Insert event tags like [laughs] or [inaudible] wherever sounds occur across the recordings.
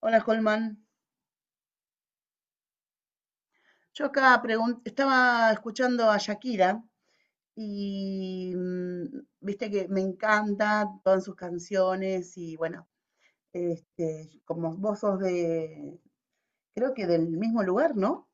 Hola, Holman. Yo acá estaba escuchando a Shakira y viste que me encanta todas sus canciones y bueno, como vos sos creo que del mismo lugar, ¿no?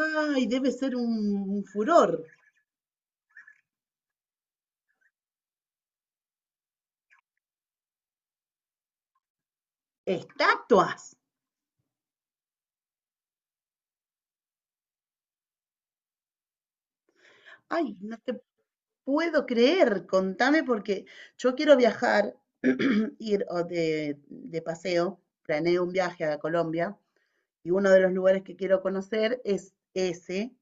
Ay, debe ser un furor. Estatuas. Ay, no te puedo creer. Contame, porque yo quiero viajar, [clears throat] ir o de paseo, planeo un viaje a Colombia. Y uno de los lugares que quiero conocer es ese,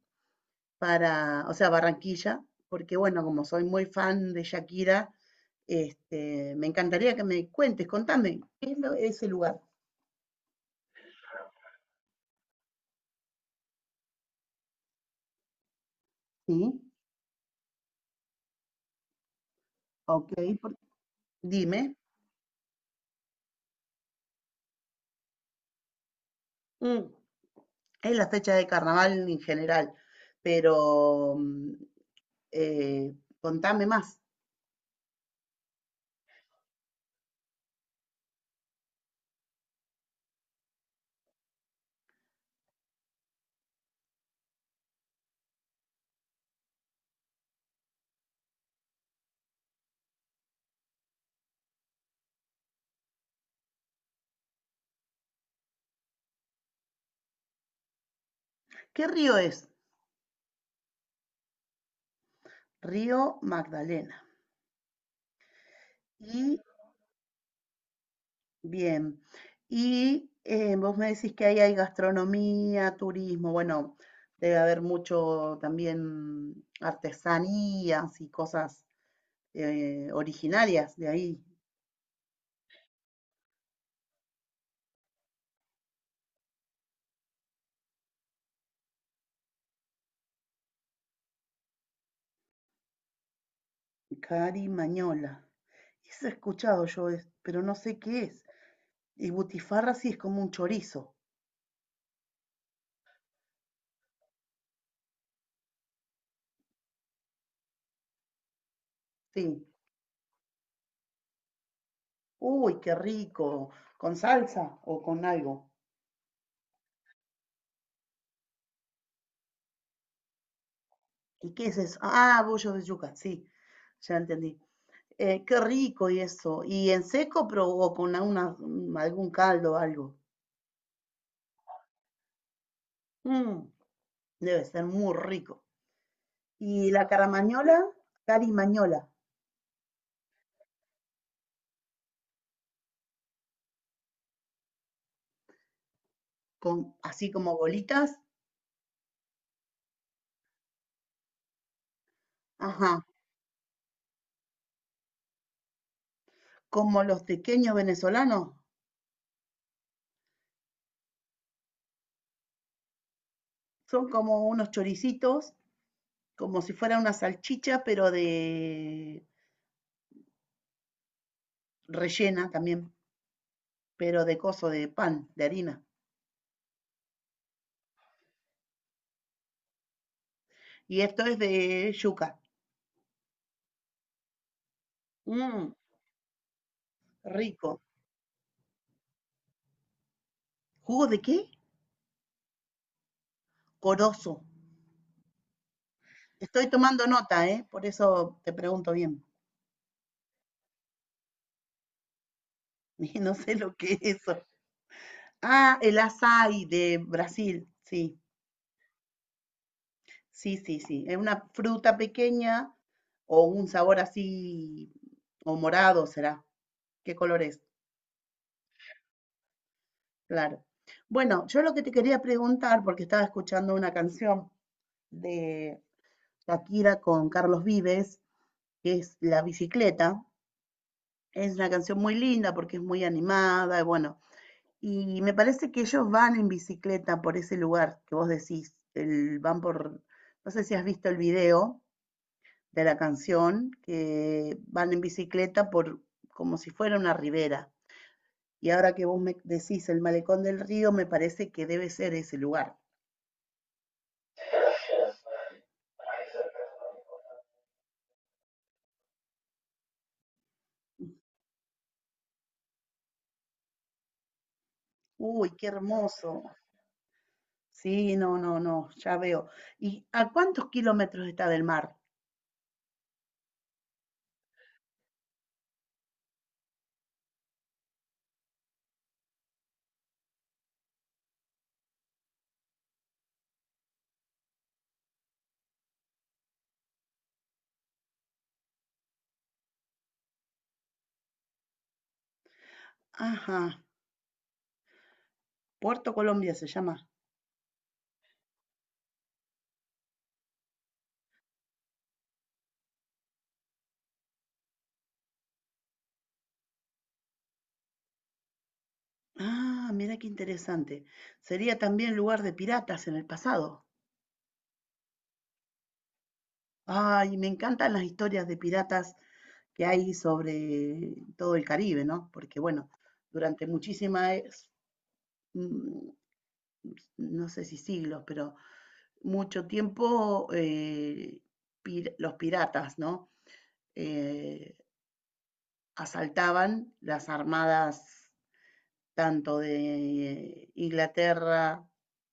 para, o sea, Barranquilla, porque bueno, como soy muy fan de Shakira, me encantaría que me cuentes, contame, ¿qué es ese lugar? Sí, ok, por- dime. Mm, es la fecha de carnaval en general, pero eh, contame más. ¿Qué río es? Río Magdalena. Y bien. Y vos me decís que ahí hay gastronomía, turismo, bueno, debe haber mucho también artesanías y cosas originarias de ahí. Carimañola. Eso he escuchado yo, pero no sé qué es. Y butifarra sí es como un chorizo. Sí. Uy, qué rico. ¿Con salsa o con algo? ¿Y qué es eso? Ah, bollo de yuca, sí. Ya entendí. Qué rico y eso. ¿Y en seco pero, o con algún caldo o algo? Mm, debe ser muy rico. ¿Y la caramañola? Carimañola, con, así como bolitas. Ajá, como los pequeños venezolanos. Son como unos choricitos, como si fuera una salchicha, pero de rellena también, pero de coso, de pan, de harina. Y esto es de yuca. Mm, rico. ¿Jugo de qué? Corozo. Estoy tomando nota, ¿eh? Por eso te pregunto bien. [laughs] No sé lo que es eso. Ah, el açaí de Brasil. Sí, sí, sí, sí. Es una fruta pequeña o un sabor así, o morado será. ¿Qué color es? Claro. Bueno, yo lo que te quería preguntar, porque estaba escuchando una canción de Shakira con Carlos Vives, que es La Bicicleta. Es una canción muy linda porque es muy animada, y bueno, y me parece que ellos van en bicicleta por ese lugar que vos decís, van por, no sé si has visto el video de la canción, que van en bicicleta por como si fuera una ribera. Y ahora que vos me decís el malecón del río, me parece que debe ser ese lugar. Uy, qué hermoso. Sí, no, no, no, ya veo. ¿Y a cuántos kilómetros está del mar? Ajá, Puerto Colombia se llama. Ah, mira qué interesante. Sería también lugar de piratas en el pasado. Ay, me encantan las historias de piratas que hay sobre todo el Caribe, ¿no? Porque bueno, durante mm, no sé si siglos, pero mucho tiempo, los piratas, ¿no? Eh, asaltaban las armadas tanto de Inglaterra,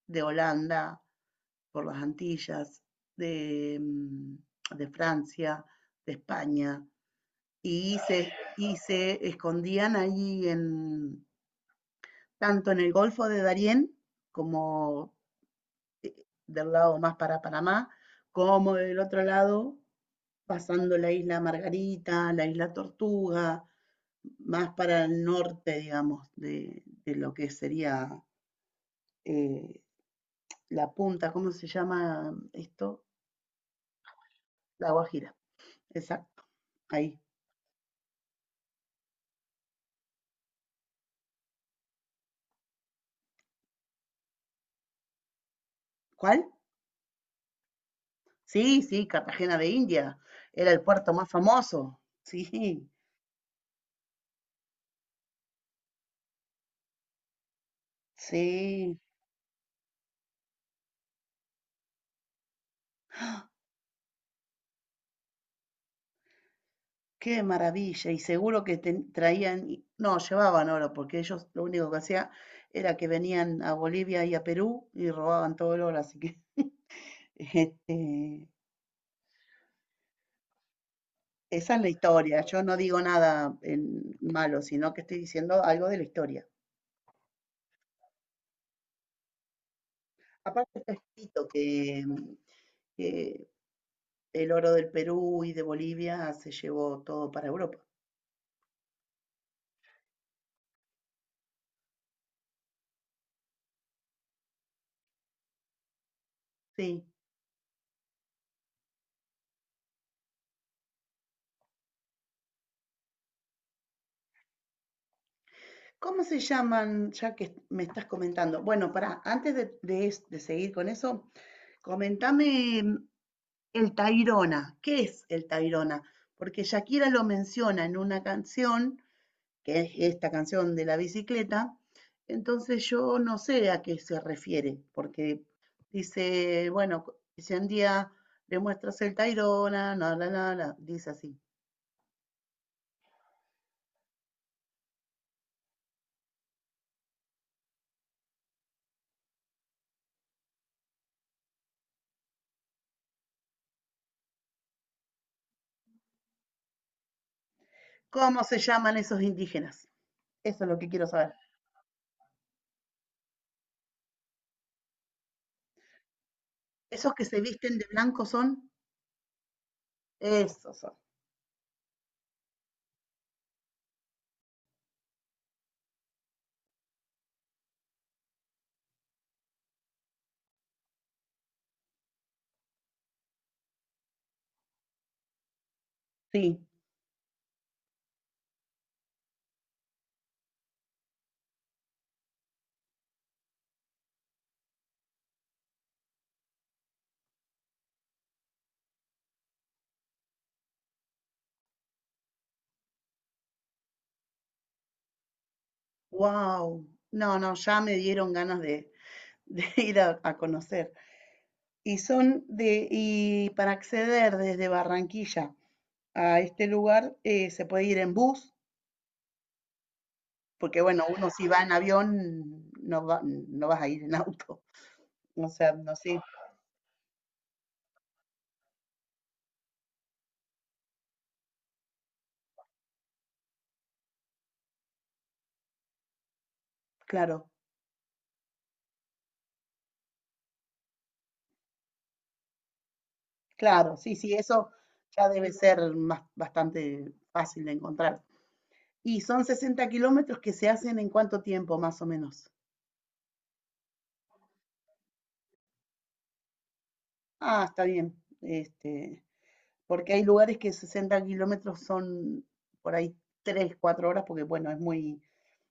de Holanda, por las Antillas, de Francia, de España, y se, y se escondían ahí en, tanto en el Golfo de Darién, como eh, del lado más para Panamá, como del otro lado, pasando la isla Margarita, la isla Tortuga, más para el norte, digamos, de lo que sería eh, la punta, ¿cómo se llama esto? La Guajira, exacto, ahí. ¿Cuál? Sí, sí, Cartagena de India. Era el puerto más famoso. [laughs] Sí, sí. Qué maravilla. Y seguro que traían, no, llevaban oro, porque ellos lo único que hacían era que venían a Bolivia y a Perú y robaban todo el oro. Así que [laughs] este, esa es la historia. Yo no digo nada en malo, sino que estoy diciendo algo de la historia. Aparte está escrito que, que el oro del Perú y de Bolivia se llevó todo para Europa. Sí. ¿Cómo se llaman, ya que me estás comentando? Bueno, para antes de seguir con eso, comentame, el tayrona. ¿Qué es el tayrona? Porque Shakira lo menciona en una canción, que es esta canción de la bicicleta, entonces yo no sé a qué se refiere, porque dice, bueno, si un día le muestras el tayrona, na, na, na, na, dice así. ¿Cómo se llaman esos indígenas? Eso es lo que quiero saber. ¿Esos que se visten de blanco son? Eso son, sí. Wow. No, no, ya me dieron ganas de [laughs] ir a conocer. Y son y para acceder desde Barranquilla a este lugar, se puede ir en bus, porque bueno, uno si va en avión no va, no vas a ir en auto. [laughs] O sea, no sé, claro, claro, sí, sí, eso ya debe ser más, bastante fácil de encontrar. Y son 60 kilómetros que se hacen en cuánto tiempo, más o menos. Ah, está bien. Este, porque hay lugares que 60 kilómetros son por ahí 3 4 horas, porque bueno, es muy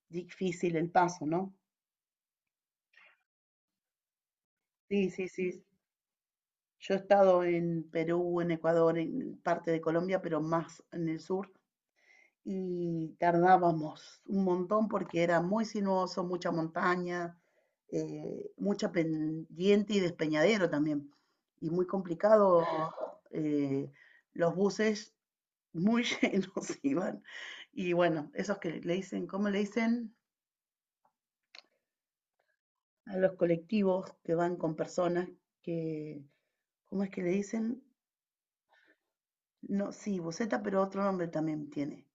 difícil el paso, ¿no? Sí, sí, sí. Yo he estado en Perú, en Ecuador, en parte de Colombia, pero más en el sur, y tardábamos un montón porque era muy sinuoso, mucha montaña, mucha pendiente y despeñadero también, y muy complicado. Eh, los buses muy [laughs] llenos iban. Y bueno, esos que le dicen, ¿cómo le dicen? A los colectivos que van con personas que, ¿cómo es que le dicen? No, sí, buseta, pero otro nombre también tiene.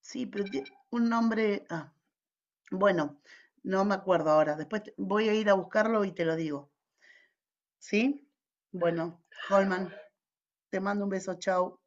Sí, pero tiene un nombre, ah, bueno, no me acuerdo ahora. Después voy a ir a buscarlo y te lo digo. ¿Sí? Bueno, Holman, te mando un beso, chao.